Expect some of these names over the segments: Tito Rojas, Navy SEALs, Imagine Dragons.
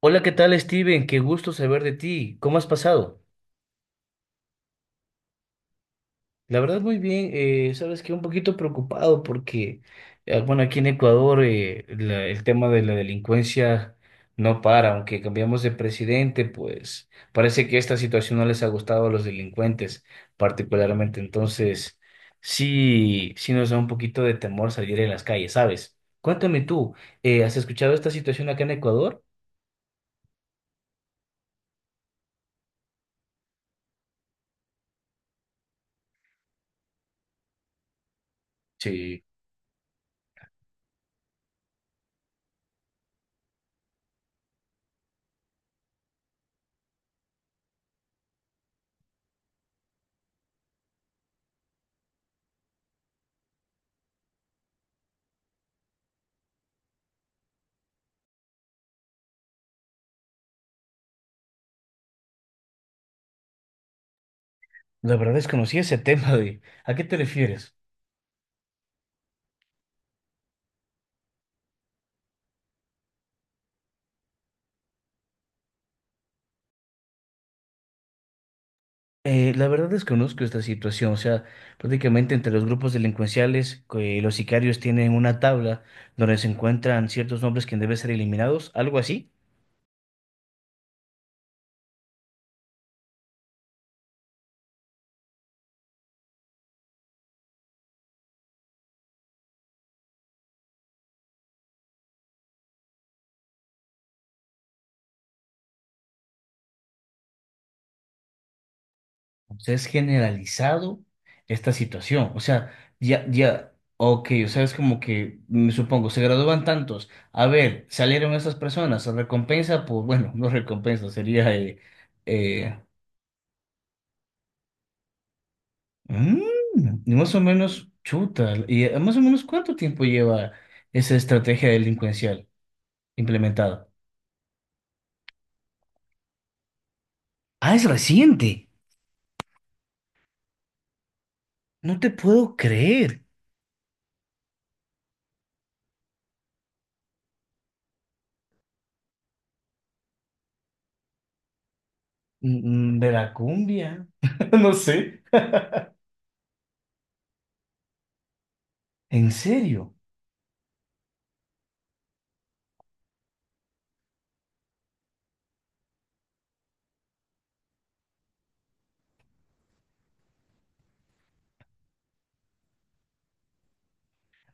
Hola, ¿qué tal, Steven? Qué gusto saber de ti. ¿Cómo has pasado? La verdad, muy bien. Sabes que un poquito preocupado porque, bueno, aquí en Ecuador el tema de la delincuencia no para. Aunque cambiamos de presidente, pues parece que esta situación no les ha gustado a los delincuentes particularmente. Entonces, sí, sí nos da un poquito de temor salir en las calles, ¿sabes? Cuéntame tú, ¿has escuchado esta situación acá en Ecuador? Sí, la verdad desconocí ese tema. ¿A qué te refieres? La verdad desconozco esta situación, o sea, prácticamente entre los grupos delincuenciales, que los sicarios tienen una tabla donde se encuentran ciertos nombres que deben ser eliminados, algo así. O sea, es generalizado esta situación, o sea, ya, ya, ok, o sea, es como que, me supongo, se gradúan tantos, a ver, salieron esas personas, ¿se recompensa, pues bueno, no recompensa, sería? Eh, y más o menos, chuta. ¿Y más o menos cuánto tiempo lleva esa estrategia delincuencial implementada? Ah, es reciente. No te puedo creer. Veracumbia. No sé. ¿En serio?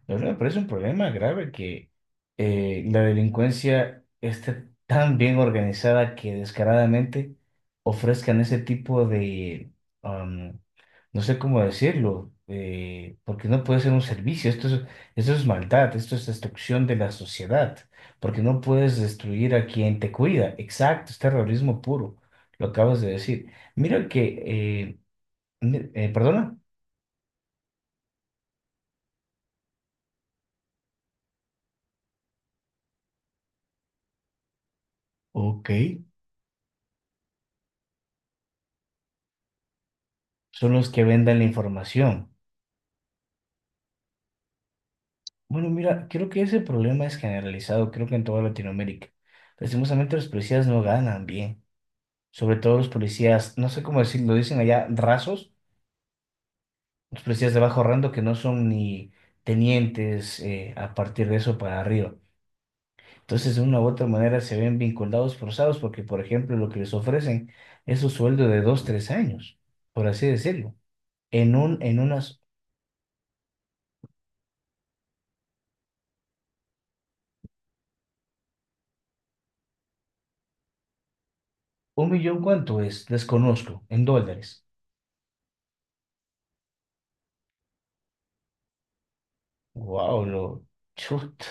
La verdad me parece un problema grave que la delincuencia esté tan bien organizada que descaradamente ofrezcan ese tipo de, am, no sé cómo decirlo, porque no puede ser un servicio, esto es, maldad, esto es destrucción de la sociedad, porque no puedes destruir a quien te cuida, exacto, es terrorismo puro, lo acabas de decir. Mira que, eh, perdona, ok, son los que vendan la información. Bueno, mira, creo que ese problema es generalizado, creo que en toda Latinoamérica. Lastimosamente los policías no ganan bien, sobre todo los policías, no sé cómo decirlo, dicen allá rasos, los policías de bajo rango que no son ni tenientes a partir de eso para arriba. Entonces, de una u otra manera se ven vinculados, forzados, porque, por ejemplo, lo que les ofrecen es un sueldo de 2 o 3 años, por así decirlo. En un, en unas, un millón, ¿cuánto es? Desconozco, en dólares. Wow, lo chuta.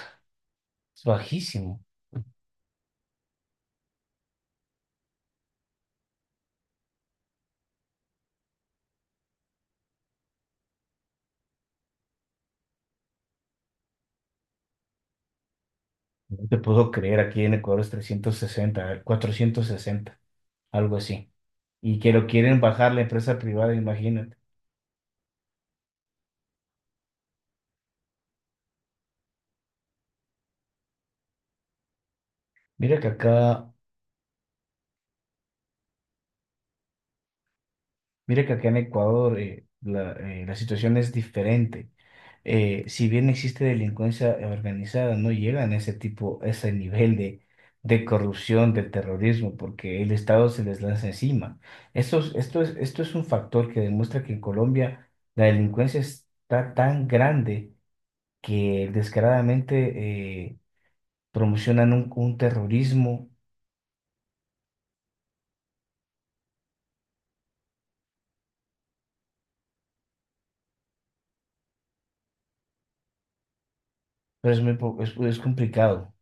Es bajísimo. No te puedo creer, aquí en Ecuador es 360 460 algo así. Y que lo quieren bajar la empresa privada, imagínate. Mira que acá, mira que acá en Ecuador la situación es diferente. Si bien existe delincuencia organizada, no llegan a ese tipo, a ese nivel de, corrupción, del terrorismo, porque el Estado se les lanza encima. Esto es un factor que demuestra que en Colombia la delincuencia está tan grande que descaradamente promocionan un, terrorismo, pero es muy, es complicado.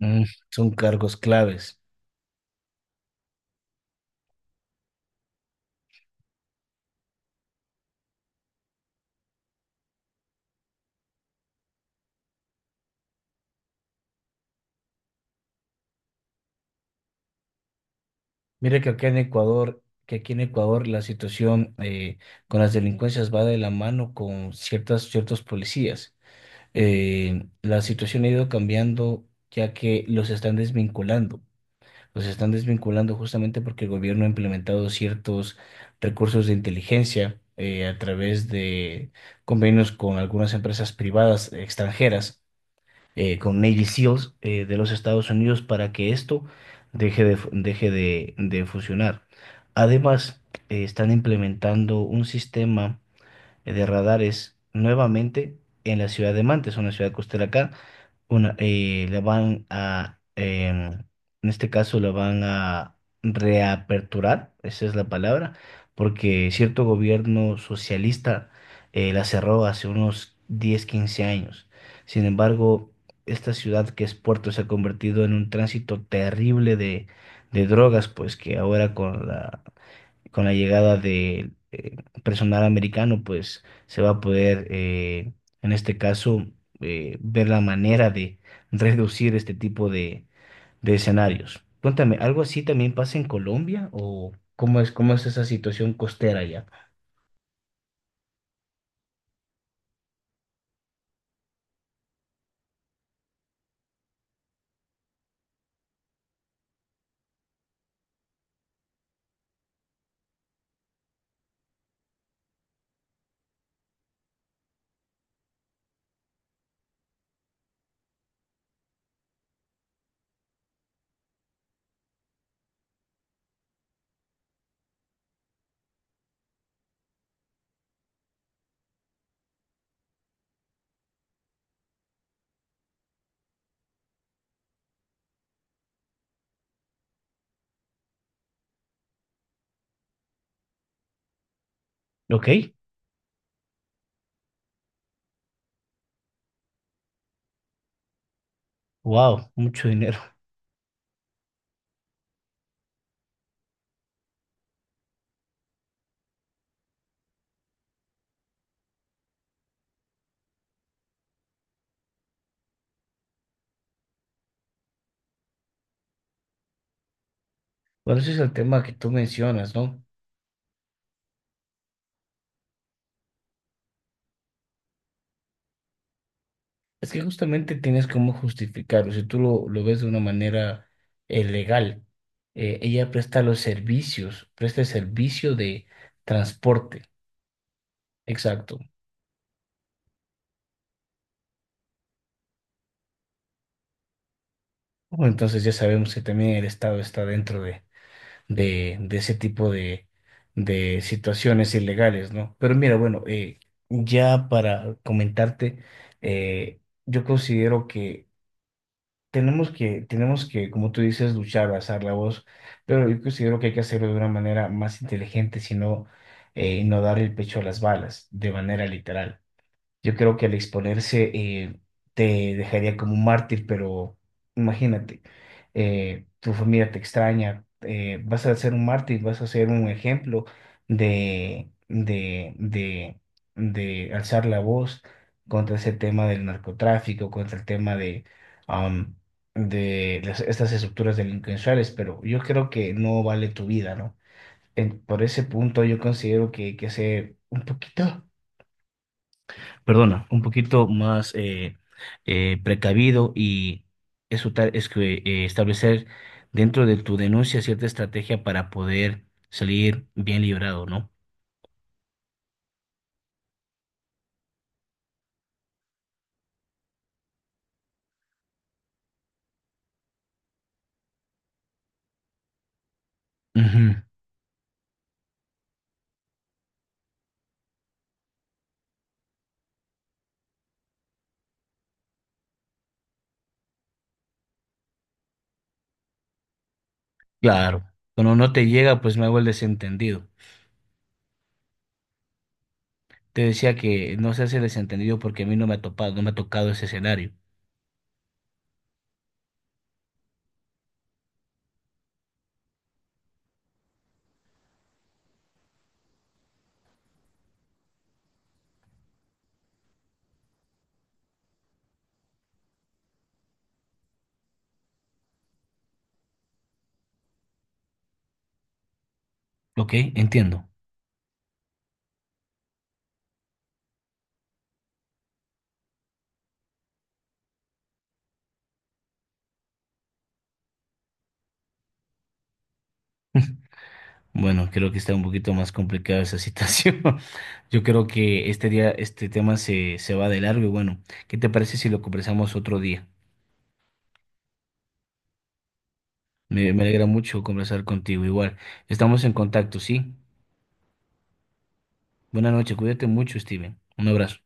Mm, son cargos claves. Mira que acá en Ecuador, que aquí en Ecuador la situación con las delincuencias va de la mano con ciertos policías. La situación ha ido cambiando ya que los están desvinculando. Los están desvinculando justamente porque el gobierno ha implementado ciertos recursos de inteligencia a través de convenios con algunas empresas privadas extranjeras, con Navy SEALs de los Estados Unidos para que esto deje de funcionar. Además, están implementando un sistema de radares nuevamente en la ciudad de Mantes, una ciudad costera acá le van a, en este caso, le van a reaperturar, esa es la palabra, porque cierto gobierno socialista la cerró hace unos 10 o 15 años. Sin embargo, esta ciudad que es Puerto se ha convertido en un tránsito terrible de, drogas, pues que ahora con la llegada del personal americano, pues se va a poder, en este caso, ver la manera de reducir este tipo de, escenarios. Cuéntame, ¿algo así también pasa en Colombia o cómo es esa situación costera allá? Ok, wow, mucho dinero. Bueno, ese es el tema que tú mencionas, ¿no? Es que justamente tienes cómo justificarlo. Si tú lo, ves de una manera legal, ella presta los servicios, presta el servicio de transporte. Exacto. Bueno, entonces ya sabemos que también el Estado está dentro de, ese tipo de situaciones ilegales, ¿no? Pero mira, bueno, ya para comentarte, yo considero que tenemos que, como tú dices, luchar, alzar la voz, pero yo considero que hay que hacerlo de una manera más inteligente, sino no dar el pecho a las balas, de manera literal. Yo creo que al exponerse te dejaría como un mártir, pero imagínate, tu familia te extraña, vas a ser un mártir, vas a ser un ejemplo de, de alzar la voz contra ese tema del narcotráfico, contra el tema de, am, de las- estas estructuras delincuenciales, pero yo creo que no vale tu vida, ¿no? Por ese punto yo considero que hay que ser un poquito, perdona, un poquito más precavido y eso tal es que establecer dentro de tu denuncia cierta estrategia para poder salir bien librado, ¿no? Ujú, claro, cuando no te llega, pues me hago el desentendido. Te decía que no se hace desentendido porque a mí no me ha topado, no me ha tocado ese escenario. Ok, entiendo. Bueno, creo que está un poquito más complicada esa situación. Yo creo que este tema se, va de largo y bueno, ¿qué te parece si lo conversamos otro día? Me alegra mucho conversar contigo. Igual, estamos en contacto, ¿sí? Buenas noches, cuídate mucho, Steven. Un abrazo.